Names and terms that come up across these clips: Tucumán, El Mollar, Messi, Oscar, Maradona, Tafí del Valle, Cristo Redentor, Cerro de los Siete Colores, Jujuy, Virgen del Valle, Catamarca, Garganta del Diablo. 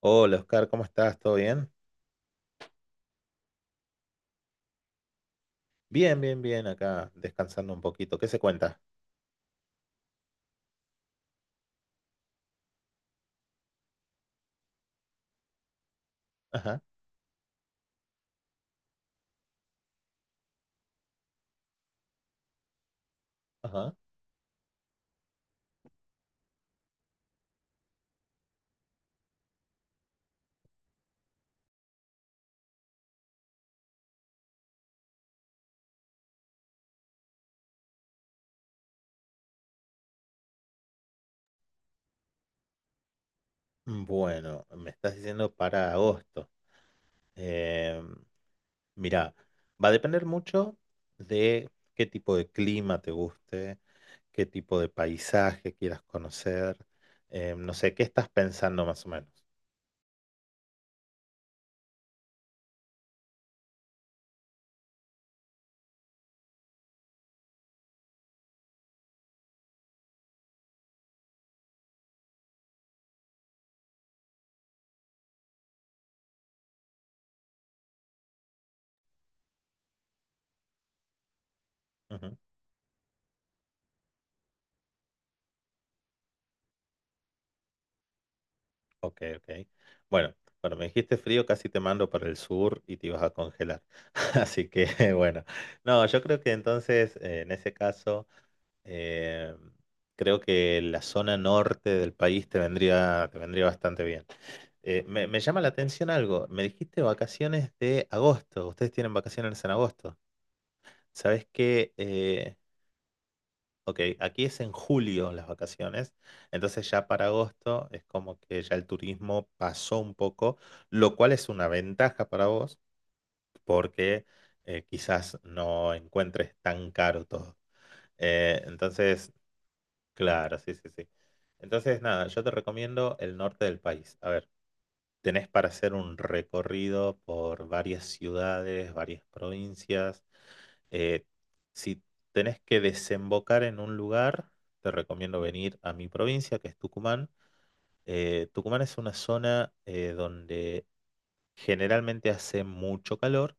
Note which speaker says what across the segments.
Speaker 1: Hola Oscar, ¿cómo estás? ¿Todo bien? Bien, bien, bien, acá descansando un poquito. ¿Qué se cuenta? Ajá, ajá. Bueno, me estás diciendo para agosto. Eh, mira, va a depender mucho de qué tipo de clima te guste, qué tipo de paisaje quieras conocer. No sé, ¿qué estás pensando más o menos? Ok, ok. Bueno, cuando me dijiste frío, casi te mando para el sur y te ibas a congelar. Así que, bueno, no, yo creo que entonces, en ese caso, eh, creo que la zona norte del país te vendría bastante bien. Me, me llama la atención algo. Me dijiste vacaciones de agosto. Ustedes tienen vacaciones en agosto. ¿Sabes qué? Ok, aquí es en julio las vacaciones, entonces ya para agosto es como que ya el turismo pasó un poco, lo cual es una ventaja para vos porque quizás no encuentres tan caro todo. Entonces, claro, sí, sí, sí. Entonces, nada, yo te recomiendo el norte del país. A ver, tenés para hacer un recorrido por varias ciudades, varias provincias. Eh, si tenés que desembocar en un lugar, te recomiendo venir a mi provincia, que es Tucumán. Tucumán es una zona donde generalmente hace mucho calor,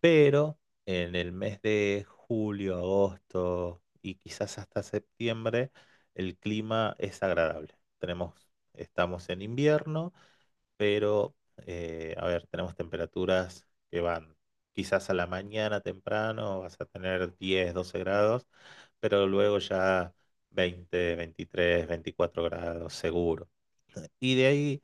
Speaker 1: pero en el mes de julio, agosto y quizás hasta septiembre, el clima es agradable. Tenemos, estamos en invierno pero a ver, tenemos temperaturas que van quizás a la mañana temprano, vas a tener 10 12 grados, pero luego ya 20 23 24 grados seguro. Y de ahí,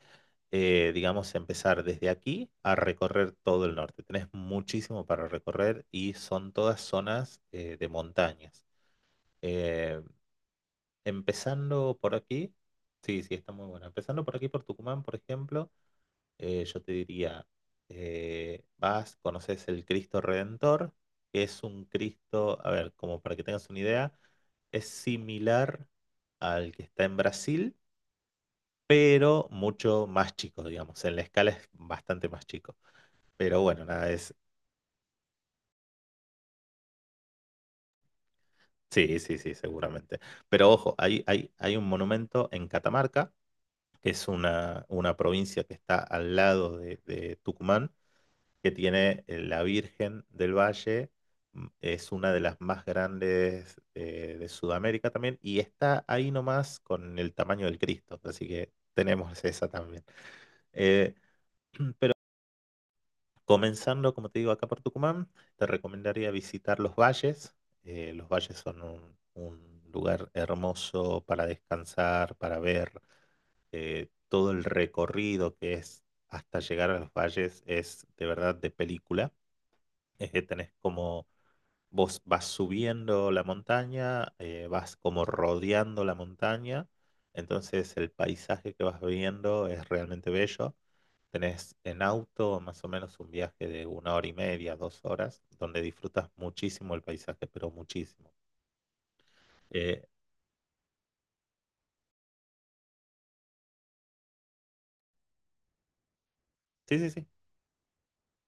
Speaker 1: digamos, empezar desde aquí a recorrer todo el norte. Tenés muchísimo para recorrer y son todas zonas de montañas. Eh, empezando por aquí, sí, sí, está muy bueno. Empezando por aquí, por Tucumán, por ejemplo yo te diría, vas, conoces el Cristo Redentor, que es un Cristo, a ver, como para que tengas una idea, es similar al que está en Brasil, pero mucho más chico, digamos, en la escala es bastante más chico. Pero bueno, nada, es... Sí, sí, sí, seguramente. Pero ojo, hay un monumento en Catamarca, que es una provincia que está al lado de Tucumán que tiene la Virgen del Valle. Es una de las más grandes de Sudamérica también y está ahí nomás con el tamaño del Cristo. Así que tenemos esa también. Eh, comenzando, como te digo, acá por Tucumán, te recomendaría visitar los valles. Los valles son un lugar hermoso para descansar, para ver todo el recorrido que es hasta llegar a los valles es de verdad de película. Tenés como Vos vas subiendo la montaña, vas como rodeando la montaña, entonces el paisaje que vas viendo es realmente bello. Tenés en auto más o menos un viaje de 1 hora y media, 2 horas, donde disfrutas muchísimo el paisaje, pero muchísimo. Eh, sí, sí, sí,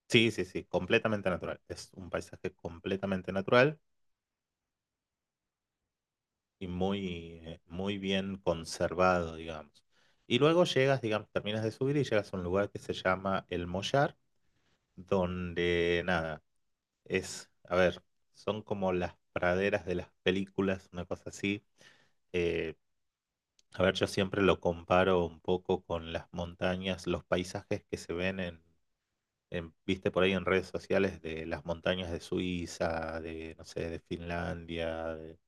Speaker 1: sí, sí, sí, completamente natural. Es un paisaje completamente natural y muy, muy bien conservado, digamos. Y luego llegas, digamos, terminas de subir y llegas a un lugar que se llama El Mollar donde nada, es, a ver, son como las praderas de las películas, una cosa así. Eh, a ver, yo siempre lo comparo un poco con las montañas, los paisajes que se ven en, viste por ahí en redes sociales de las montañas de Suiza, de, no sé, de Finlandia.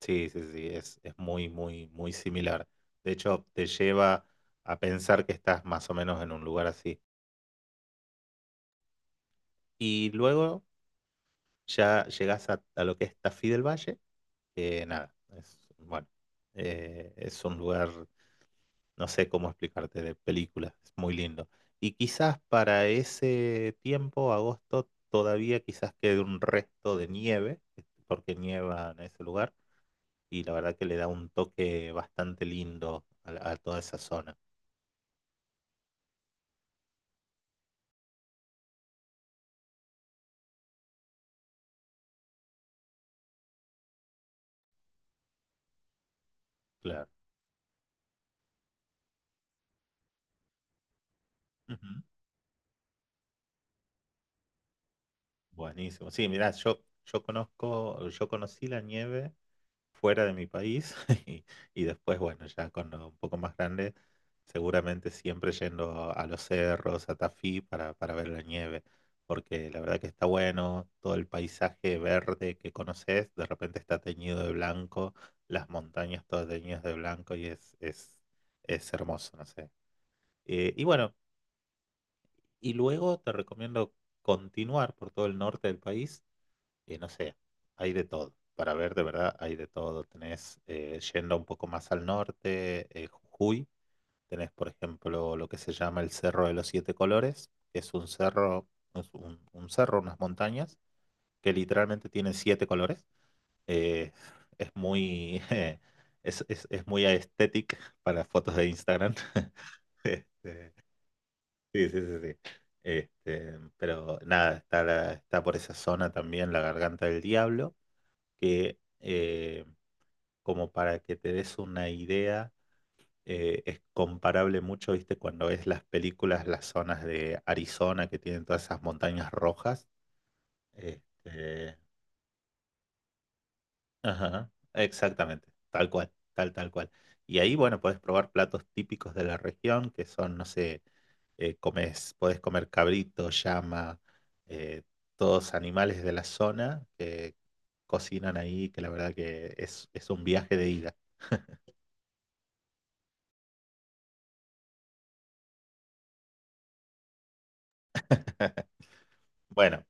Speaker 1: Sí, sí, sí, es muy, muy, muy similar. De hecho, te lleva a pensar que estás más o menos en un lugar así. Y luego ya llegas a lo que es Tafí del Valle. Nada, es, bueno, es un lugar, no sé cómo explicarte, de película, es muy lindo. Y quizás para ese tiempo, agosto, todavía quizás quede un resto de nieve, este, porque nieva en ese lugar, y la verdad que le da un toque bastante lindo a, a toda esa zona. Claro. Ujú. Buenísimo. Sí, mirá, yo conozco, yo conocí la nieve fuera de mi país y, y después, bueno, ya cuando un poco más grande, seguramente siempre yendo a los cerros, a Tafí para ver la nieve, porque la verdad que está bueno, todo el paisaje verde que conoces, de repente está teñido de blanco, las montañas todas teñidas de blanco y es hermoso, no sé. Y bueno, y luego te recomiendo continuar por todo el norte del país y no sé, hay de todo. Para ver, de verdad, hay de todo. Tenés, yendo un poco más al norte, Jujuy, tenés, por ejemplo, lo que se llama el Cerro de los Siete Colores, que es un cerro, unas montañas, que literalmente tienen siete colores. Eh, es muy, es muy aesthetic para fotos de Instagram. Este, sí, sí, sí, sí. Este, pero nada, está, está por esa zona también la Garganta del Diablo que como para que te des una idea, es comparable mucho, viste, cuando ves las películas, las zonas de Arizona que tienen todas esas montañas rojas. Este, ajá, exactamente, tal cual, tal, tal cual. Y ahí, bueno, podés probar platos típicos de la región, que son, no sé, comes, podés comer cabrito, llama, eh, todos animales de la zona que cocinan ahí, que la verdad que es un viaje de ida. Bueno,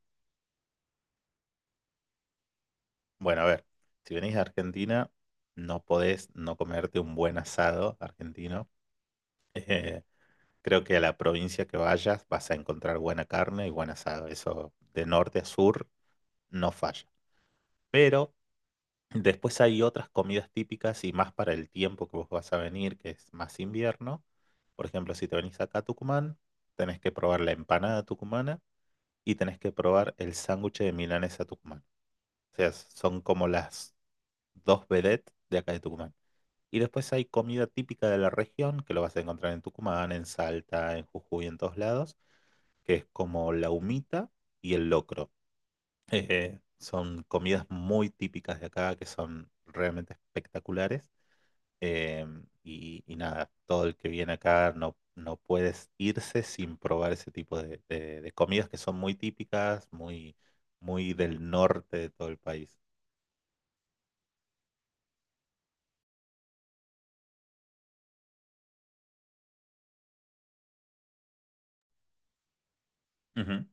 Speaker 1: bueno, a ver, si venís a Argentina, no podés no comerte un buen asado argentino. Eh, creo que a la provincia que vayas vas a encontrar buena carne y buen asado. Eso de norte a sur no falla. Pero después hay otras comidas típicas y más para el tiempo que vos vas a venir, que es más invierno. Por ejemplo, si te venís acá a Tucumán, tenés que probar la empanada tucumana y tenés que probar el sándwich de milanesa tucumán. O sea, son como las dos vedettes de acá de Tucumán. Y después hay comida típica de la región, que lo vas a encontrar en Tucumán, en Salta, en Jujuy, en todos lados, que es como la humita y el locro. Son comidas muy típicas de acá, que son realmente espectaculares. Y nada, todo el que viene acá no, no puedes irse sin probar ese tipo de, de comidas que son muy típicas, muy, muy del norte de todo el país. Ujú.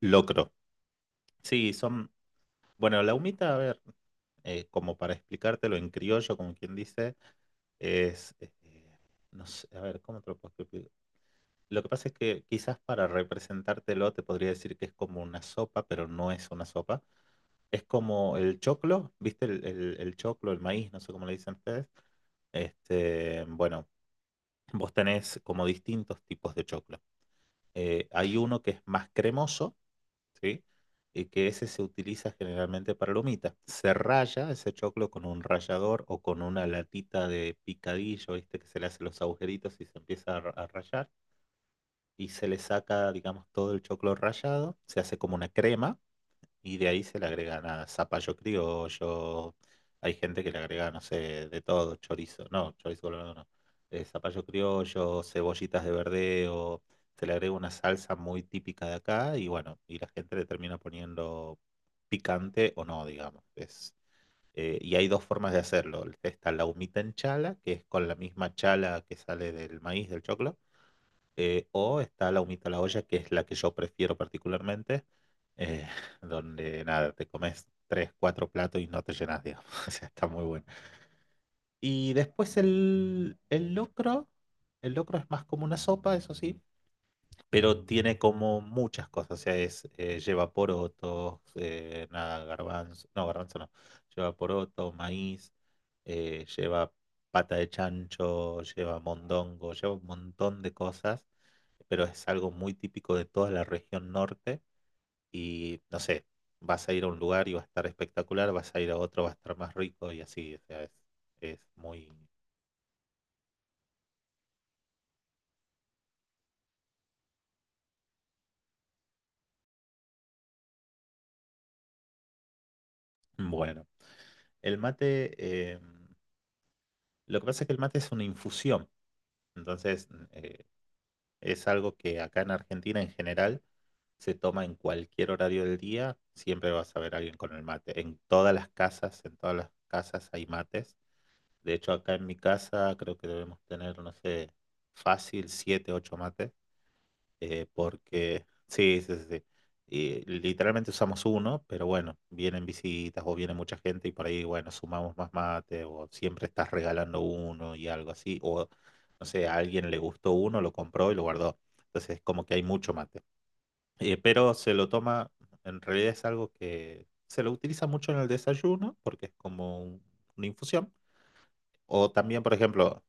Speaker 1: Locro. Sí, son... Bueno, la humita, a ver, como para explicártelo en criollo, como quien dice, es, no sé, a ver, ¿cómo te lo puedo explicar? Lo que pasa es que quizás para representártelo te podría decir que es como una sopa, pero no es una sopa. Es como el choclo, ¿viste? El choclo, el maíz, no sé cómo le dicen ustedes. Este, bueno, vos tenés como distintos tipos de choclo. Hay uno que es más cremoso, ¿sí? Y que ese se utiliza generalmente para la humita. Se raya ese choclo con un rallador o con una latita de picadillo, ¿viste? Que se le hacen los agujeritos y se empieza a, a rallar. Y se le saca, digamos, todo el choclo rallado. Se hace como una crema y de ahí se le agregan a zapallo criollo. Hay gente que le agrega, no sé, de todo, chorizo. No, chorizo colorado no. Zapallo criollo, cebollitas de verdeo. Se le agrega una salsa muy típica de acá y bueno, y la gente le termina poniendo picante o no, digamos. Es, y hay dos formas de hacerlo. Está la humita en chala, que es con la misma chala que sale del maíz, del choclo o está la humita a la olla, que es la que yo prefiero particularmente, eh, donde nada, te comes 3, 4 platos y no te llenas, digamos. O sea, está muy bueno. Y después el locro es más como una sopa, eso sí, pero tiene como muchas cosas, o sea, es, lleva porotos, nada, garbanzo no, lleva poroto, maíz, lleva pata de chancho, lleva mondongo, lleva un montón de cosas, pero es algo muy típico de toda la región norte y no sé, vas a ir a un lugar y va a estar espectacular, vas a ir a otro, va a estar más rico y así, o sea, es muy bueno. El mate, eh, lo que pasa es que el mate es una infusión. Entonces, es algo que acá en Argentina en general se toma en cualquier horario del día, siempre vas a ver a alguien con el mate. En todas las casas, en todas las casas hay mates. De hecho, acá en mi casa creo que debemos tener, no sé, fácil 7, 8 mates porque sí, sí, sí, sí. Y literalmente usamos uno, pero bueno, vienen visitas o viene mucha gente y por ahí, bueno, sumamos más mate o siempre estás regalando uno y algo así, o no sé, a alguien le gustó uno, lo compró y lo guardó. Entonces, como que hay mucho mate. Pero se lo toma, en realidad es algo que se lo utiliza mucho en el desayuno porque es como una infusión. O también, por ejemplo,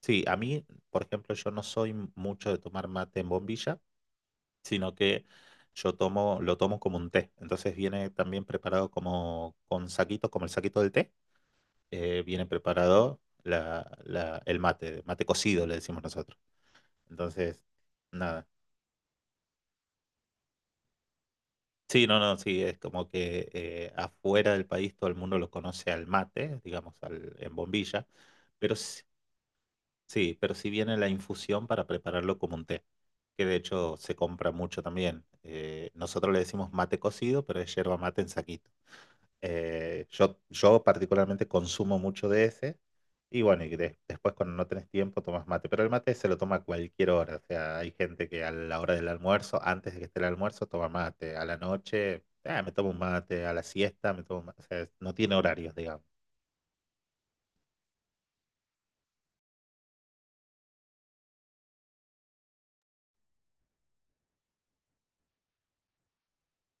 Speaker 1: sí, a mí, por ejemplo, yo no soy mucho de tomar mate en bombilla sino que yo tomo, lo tomo como un té. Entonces viene también preparado como con saquitos, como el saquito del té, viene preparado la, el mate, mate cocido le decimos nosotros. Entonces, nada. Sí, no, no, sí, es como que afuera del país todo el mundo lo conoce al mate, digamos, al, en bombilla, pero sí, sí, pero sí viene la infusión para prepararlo como un té, que de hecho se compra mucho también. Nosotros le decimos mate cocido, pero es yerba mate en saquito. Yo, yo particularmente consumo mucho de ese. Y bueno, y después cuando no tenés tiempo tomas mate. Pero el mate se lo toma a cualquier hora. O sea, hay gente que a la hora del almuerzo, antes de que esté el almuerzo, toma mate. A la noche, ah, me tomo un mate. A la siesta, me tomo un mate. O sea, no tiene horarios, digamos.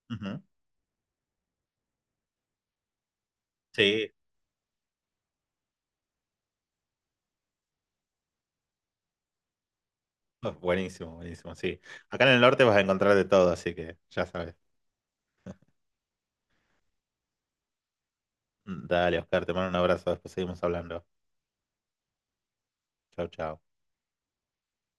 Speaker 1: Ujú. Sí, oh, buenísimo, buenísimo. Sí. Acá en el norte vas a encontrar de todo, así que ya sabes. Dale, Oscar, te mando un abrazo. Después seguimos hablando. Chau, chau.